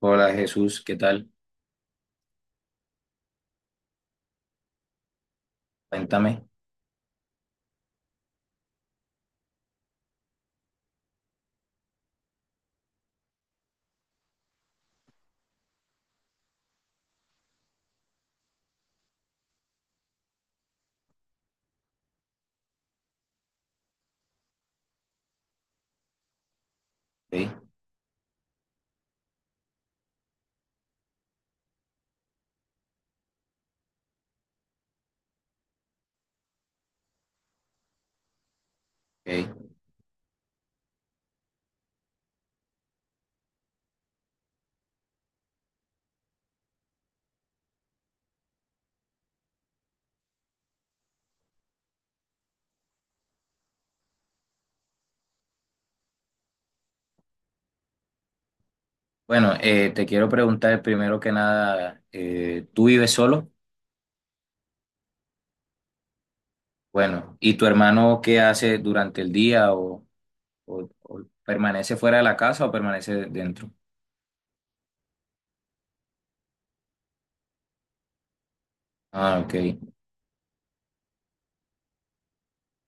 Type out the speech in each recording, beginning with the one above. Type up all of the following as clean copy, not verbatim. Hola Jesús, ¿qué tal? Cuéntame. Ok, ok. Bueno, te quiero preguntar primero que nada, ¿tú vives solo? Bueno, ¿y tu hermano qué hace durante el día o, o permanece fuera de la casa o permanece dentro? Ah, ok.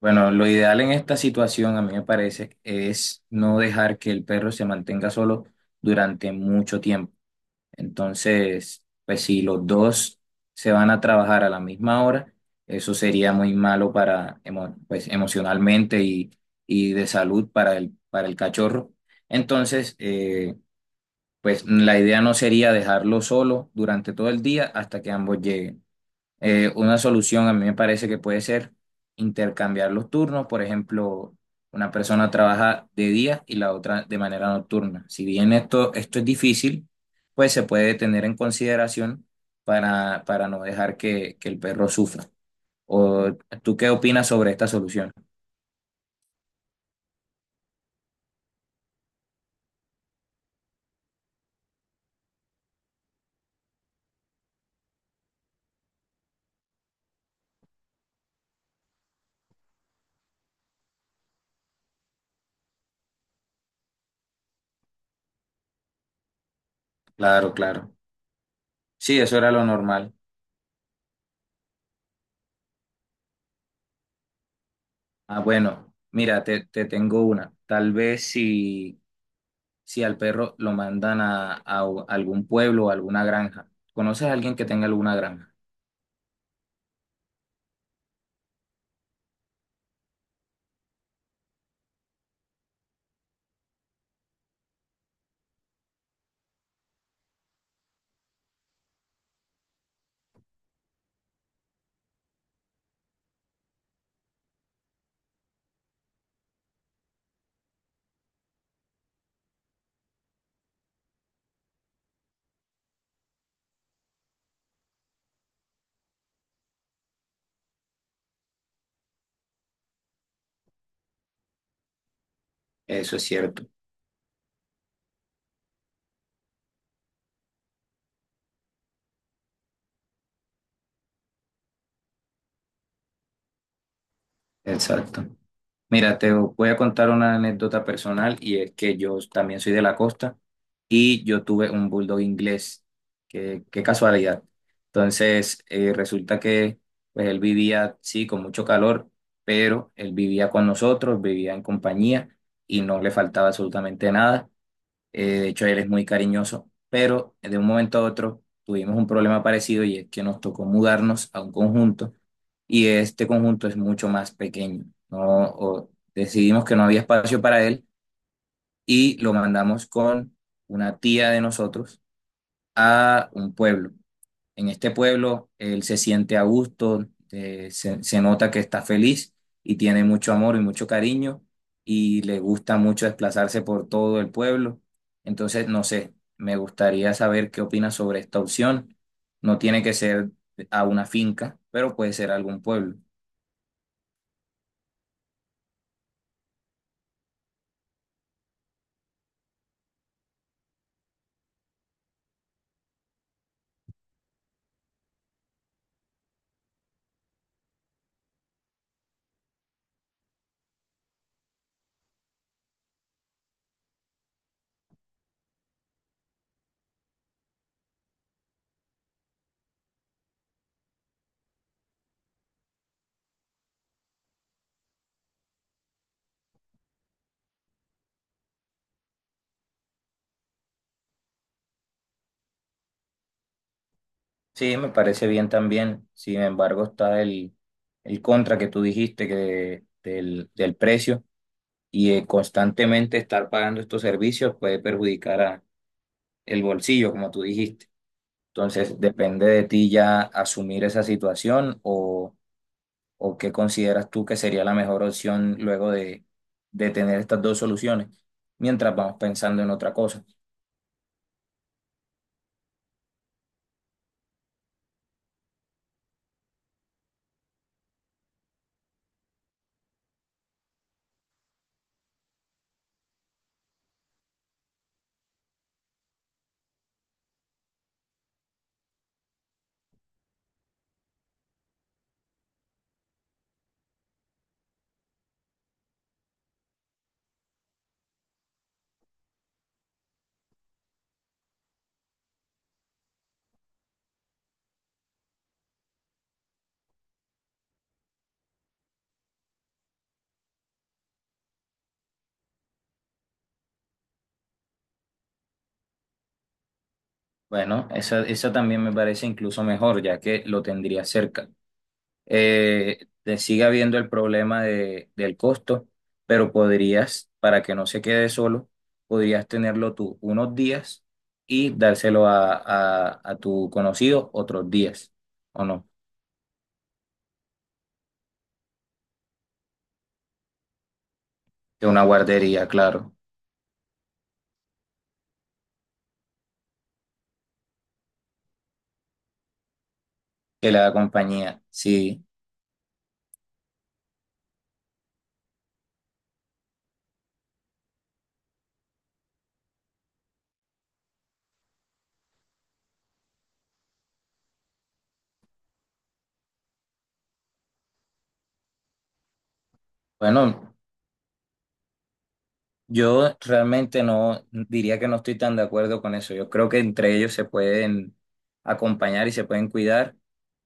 Bueno, lo ideal en esta situación, a mí me parece, es no dejar que el perro se mantenga solo durante mucho tiempo. Entonces, pues si los dos se van a trabajar a la misma hora, eso sería muy malo para, pues, emocionalmente y de salud para el cachorro. Entonces, pues la idea no sería dejarlo solo durante todo el día hasta que ambos lleguen. Una solución a mí me parece que puede ser intercambiar los turnos, por ejemplo, una persona trabaja de día y la otra de manera nocturna. Si bien esto es difícil, pues se puede tener en consideración para no dejar que el perro sufra. ¿O tú qué opinas sobre esta solución? Claro, claro. Sí, eso era lo normal. Ah, bueno, mira, te tengo una. Tal vez si al perro lo mandan a, algún pueblo o alguna granja. ¿Conoces a alguien que tenga alguna granja? Eso es cierto, exacto. Mira, te voy a contar una anécdota personal y es que yo también soy de la costa y yo tuve un bulldog inglés. Qué, qué casualidad. Entonces, resulta que pues, él vivía, sí, con mucho calor, pero él vivía con nosotros, vivía en compañía y no le faltaba absolutamente nada. De hecho, él es muy cariñoso, pero de un momento a otro tuvimos un problema parecido y es que nos tocó mudarnos a un conjunto y este conjunto es mucho más pequeño. No, o decidimos que no había espacio para él y lo mandamos con una tía de nosotros a un pueblo. En este pueblo él se siente a gusto, se, se nota que está feliz y tiene mucho amor y mucho cariño y le gusta mucho desplazarse por todo el pueblo. Entonces, no sé, me gustaría saber qué opinas sobre esta opción. No tiene que ser a una finca, pero puede ser algún pueblo. Sí, me parece bien también. Sin embargo, está el contra que tú dijiste que del, del precio y constantemente estar pagando estos servicios puede perjudicar a el bolsillo, como tú dijiste. Entonces, depende de ti ya asumir esa situación o qué consideras tú que sería la mejor opción luego de tener estas dos soluciones, mientras vamos pensando en otra cosa. Bueno, esa también me parece incluso mejor, ya que lo tendría cerca. Te sigue habiendo el problema del costo, pero podrías, para que no se quede solo, podrías tenerlo tú unos días y dárselo a, a tu conocido otros días, ¿o no? De una guardería, claro, que le da compañía. Sí, bueno. Yo realmente no diría que no estoy tan de acuerdo con eso. Yo creo que entre ellos se pueden acompañar y se pueden cuidar.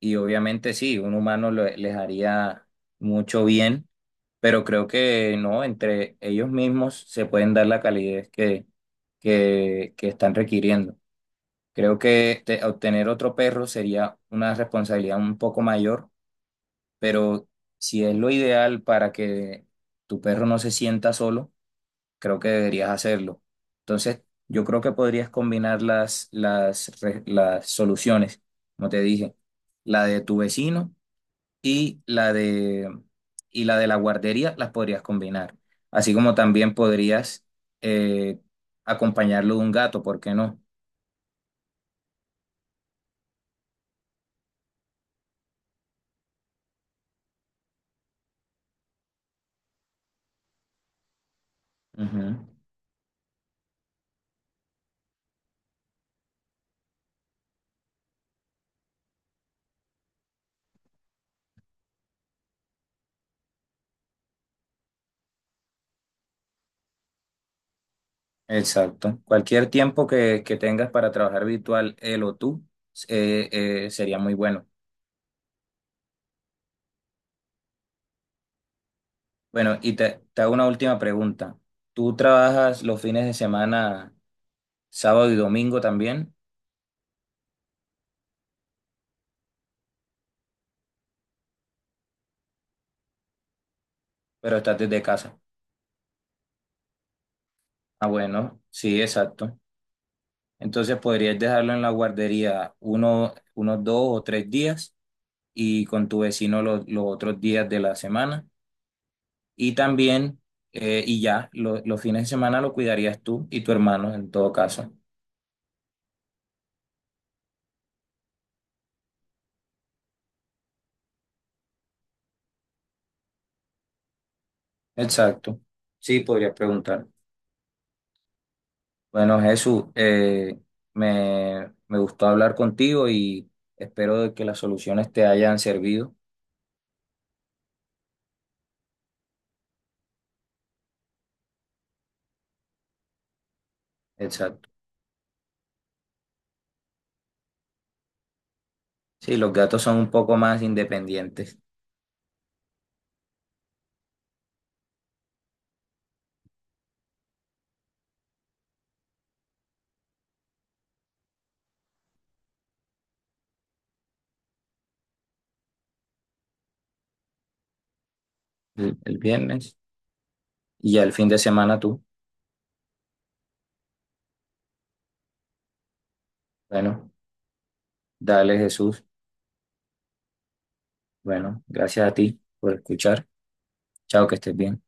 Y obviamente sí, un humano les haría mucho bien, pero creo que no, entre ellos mismos se pueden dar la calidez que están requiriendo. Creo que obtener otro perro sería una responsabilidad un poco mayor, pero si es lo ideal para que tu perro no se sienta solo creo que deberías hacerlo. Entonces, yo creo que podrías combinar las, las soluciones, como te dije, la de tu vecino y la de, y la de la guardería, las podrías combinar. Así como también podrías eh, acompañarlo de un gato, ¿por qué no? Ujú. Exacto. Cualquier tiempo que tengas para trabajar virtual, él o tú, eh, sería muy bueno. Bueno, y te hago una última pregunta. ¿Tú trabajas los fines de semana, sábado y domingo también, pero estás desde casa? Ah, bueno, sí, exacto. Entonces podrías dejarlo en la guardería uno, unos dos o tres días y con tu vecino los otros días de la semana. Y también, y ya, los fines de semana lo cuidarías tú y tu hermano en todo caso. Exacto. Sí, podrías preguntar. Bueno, Jesús, me, me gustó hablar contigo y espero de que las soluciones te hayan servido. Exacto. Sí, los gatos son un poco más independientes el viernes y ya el fin de semana tú. Bueno, dale, Jesús. Bueno, gracias a ti por escuchar. Chao, que estés bien.